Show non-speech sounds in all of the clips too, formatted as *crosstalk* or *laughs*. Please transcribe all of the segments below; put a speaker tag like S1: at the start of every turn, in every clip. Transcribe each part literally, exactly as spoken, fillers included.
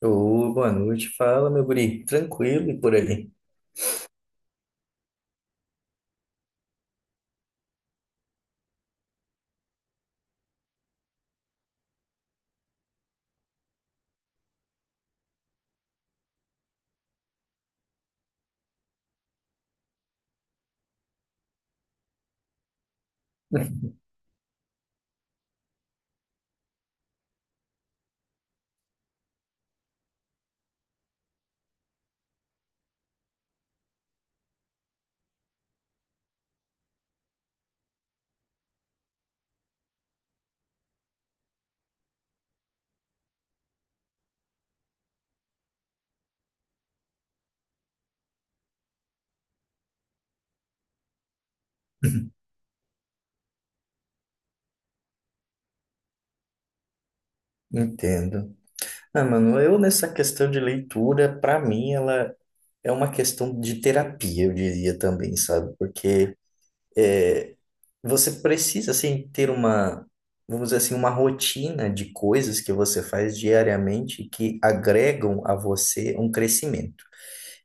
S1: Ô, boa noite. Fala, meu guri. Tranquilo e por aí. *laughs* Entendo. Ah, mano, eu nessa questão de leitura, pra mim, ela é uma questão de terapia, eu diria também, sabe? Porque é, você precisa, assim, ter uma, vamos dizer assim, uma rotina de coisas que você faz diariamente que agregam a você um crescimento.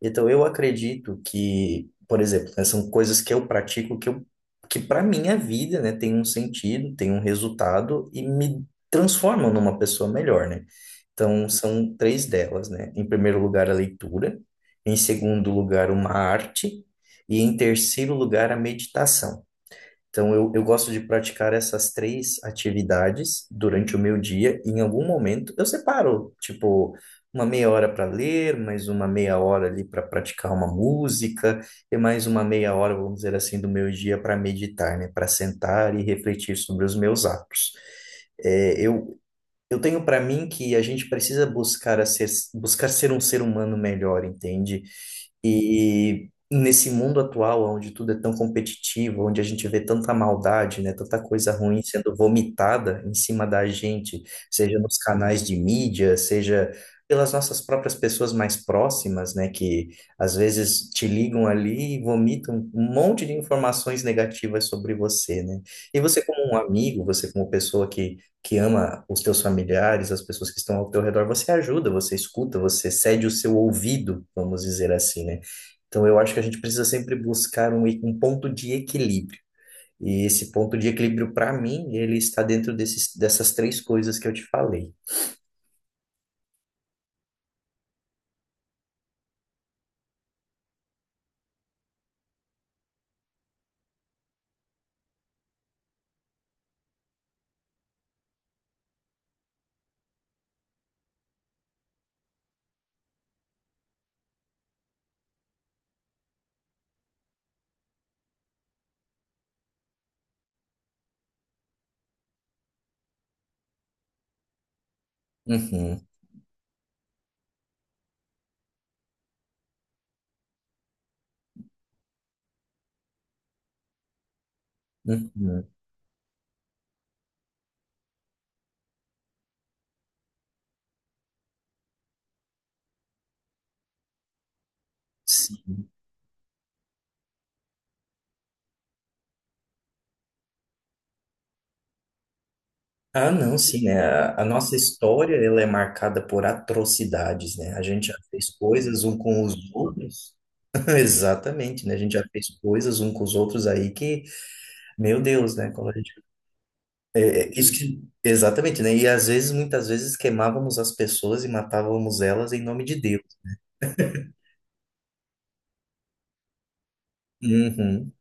S1: Então, eu acredito que, por exemplo, né, são coisas que eu pratico que, eu, que para minha vida, né, tem um sentido, tem um resultado e me transformam numa pessoa melhor, né? Então, são três delas, né? Em primeiro lugar, a leitura. Em segundo lugar, uma arte. E em terceiro lugar, a meditação. Então, eu, eu gosto de praticar essas três atividades durante o meu dia. E em algum momento, eu separo, tipo, uma meia hora para ler, mais uma meia hora ali para praticar uma música, e mais uma meia hora, vamos dizer assim, do meu dia para meditar, né? Para sentar e refletir sobre os meus atos. É, eu eu tenho para mim que a gente precisa buscar a ser, buscar ser um ser humano melhor, entende? E nesse mundo atual, onde tudo é tão competitivo, onde a gente vê tanta maldade, né, tanta coisa ruim sendo vomitada em cima da gente, seja nos canais de mídia, seja pelas nossas próprias pessoas mais próximas, né, que às vezes te ligam ali e vomitam um monte de informações negativas sobre você, né? E você como um amigo, você como pessoa que que ama os teus familiares, as pessoas que estão ao teu redor, você ajuda, você escuta, você cede o seu ouvido, vamos dizer assim, né? Então eu acho que a gente precisa sempre buscar um, e- um ponto de equilíbrio. E esse ponto de equilíbrio, para mim, ele está dentro desses, dessas três coisas que eu te falei. Uhum, uhum. Sim. Ah, não, sim, né? A a nossa história, ela é marcada por atrocidades, né? A gente já fez coisas um com os outros. *laughs* Exatamente, né? A gente já fez coisas um com os outros aí que Meu Deus, né? Quando a gente... é, é, isso que... Exatamente, né? E às vezes, muitas vezes, queimávamos as pessoas e matávamos elas em nome de Deus. Uhum,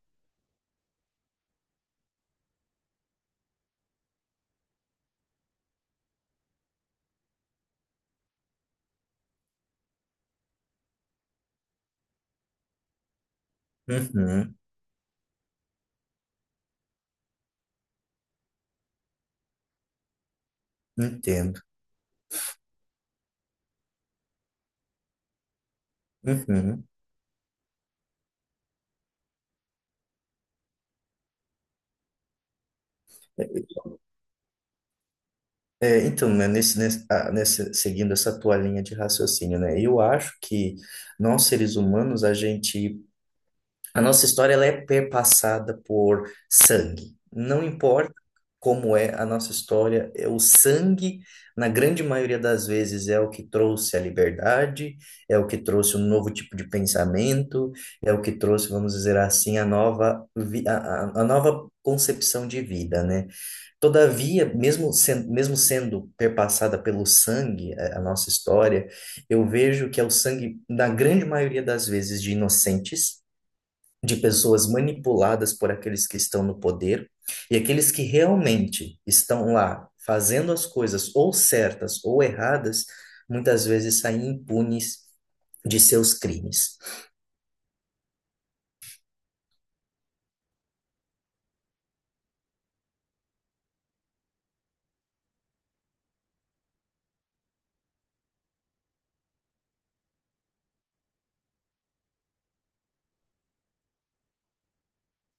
S1: uhum, entendo. Uhum. É, então, né, nesse, nesse, ah, nessa- seguindo essa tua linha de raciocínio, né? Eu acho que nós, seres humanos, a gente. A nossa história ela é perpassada por sangue. Não importa como é a nossa história, é o sangue, na grande maioria das vezes, é o que trouxe a liberdade, é o que trouxe um novo tipo de pensamento, é o que trouxe, vamos dizer assim, a nova, vi- a, a- a nova concepção de vida, né? Todavia, mesmo sendo, mesmo sendo perpassada pelo sangue, a a nossa história, eu vejo que é o sangue, na grande maioria das vezes, de inocentes de pessoas manipuladas por aqueles que estão no poder e aqueles que realmente estão lá fazendo as coisas ou certas ou erradas, muitas vezes saem impunes de seus crimes.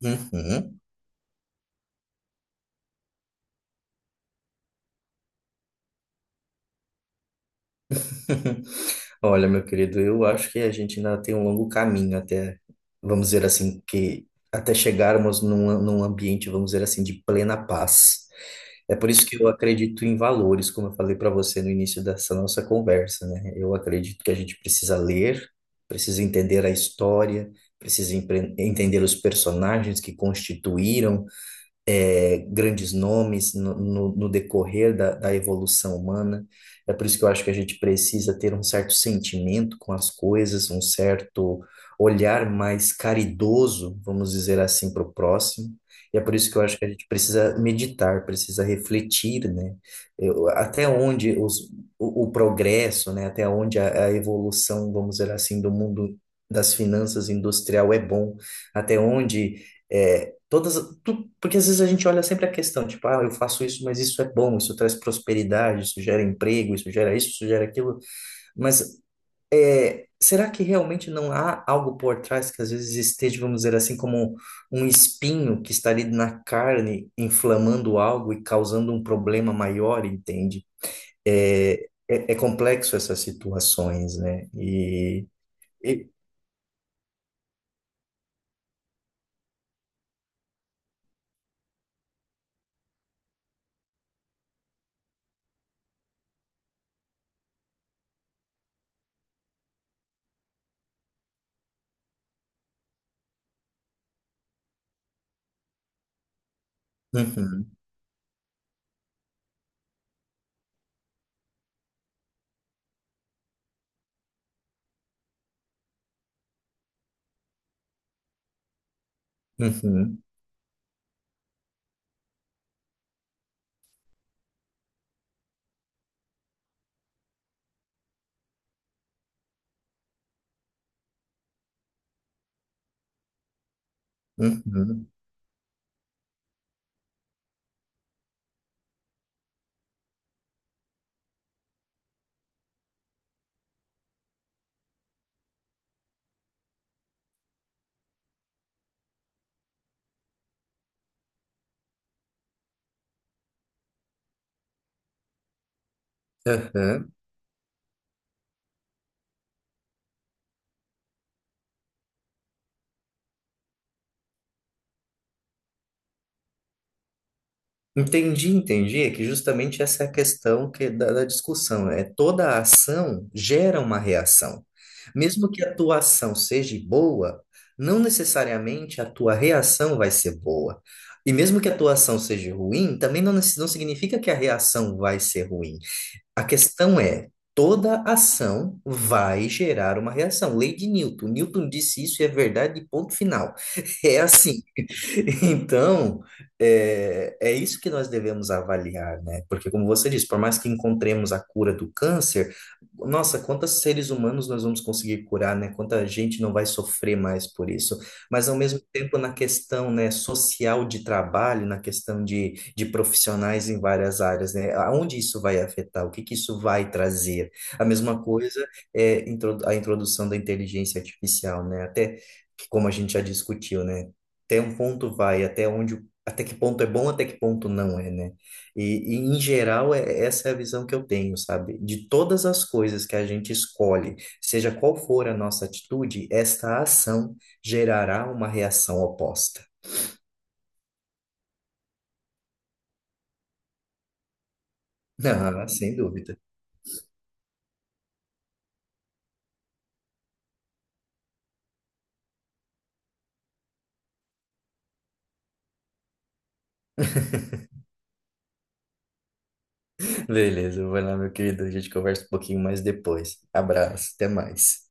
S1: Uhum. *laughs* Olha, meu querido, eu acho que a gente ainda tem um longo caminho até, vamos dizer assim, que até chegarmos num, num ambiente, vamos dizer assim, de plena paz. É por isso que eu acredito em valores, como eu falei para você no início dessa nossa conversa, né? Eu acredito que a gente precisa ler, precisa entender a história, precisa empre- entender os personagens que constituíram é, grandes nomes no, no- no decorrer da, da evolução humana. É por isso que eu acho que a gente precisa ter um certo sentimento com as coisas, um certo olhar mais caridoso, vamos dizer assim, para o próximo. E é por isso que eu acho que a gente precisa meditar, precisa refletir, né? Eu- até onde os, o, o progresso, né? Até onde a, a evolução, vamos dizer assim, do mundo das finanças industrial é bom, até onde é, Todas, tu- porque às vezes a gente olha sempre a questão, tipo, ah, eu faço isso, mas isso é bom, isso traz prosperidade, isso gera emprego, isso gera isso, isso gera aquilo, mas é, será que realmente não há algo por trás que às vezes esteja, vamos dizer assim, como um espinho que está ali na carne, inflamando algo e causando um problema maior, entende? É, é, é complexo essas situações, né? E, e- Uhum, uhum, uhum, aham. Entendi, entendi. É que justamente essa é a questão que, é da, da discussão. É toda ação gera uma reação. Mesmo que a tua ação seja boa, não necessariamente a tua reação vai ser boa. E mesmo que a tua ação seja ruim, também não, nece- não significa que a reação vai ser ruim. A questão é, toda ação vai gerar uma reação. Lei de Newton. Newton disse isso e é verdade, ponto final. *laughs* É assim. *laughs* Então, é, é isso que nós devemos avaliar, né? Porque, como você disse, por mais que encontremos a cura do câncer, nossa, quantos seres humanos nós vamos conseguir curar, né? Quanta gente não vai sofrer mais por isso, mas ao mesmo tempo na questão, né, social de trabalho, na questão de, de profissionais em várias áreas, né, aonde isso vai afetar, o que que isso vai trazer. A mesma coisa é intro- a introdução da inteligência artificial, né, até que, como a gente já discutiu, né, até um ponto vai, até onde, até que ponto é bom, até que ponto não é, né? E, e, em geral, é, essa é a visão que eu tenho, sabe? De todas as coisas que a gente escolhe, seja qual for a nossa atitude, esta ação gerará uma reação oposta. *laughs* Ah, sem dúvida. *laughs* Beleza, vai lá, meu querido. A gente conversa um pouquinho mais depois. Abraço, até mais.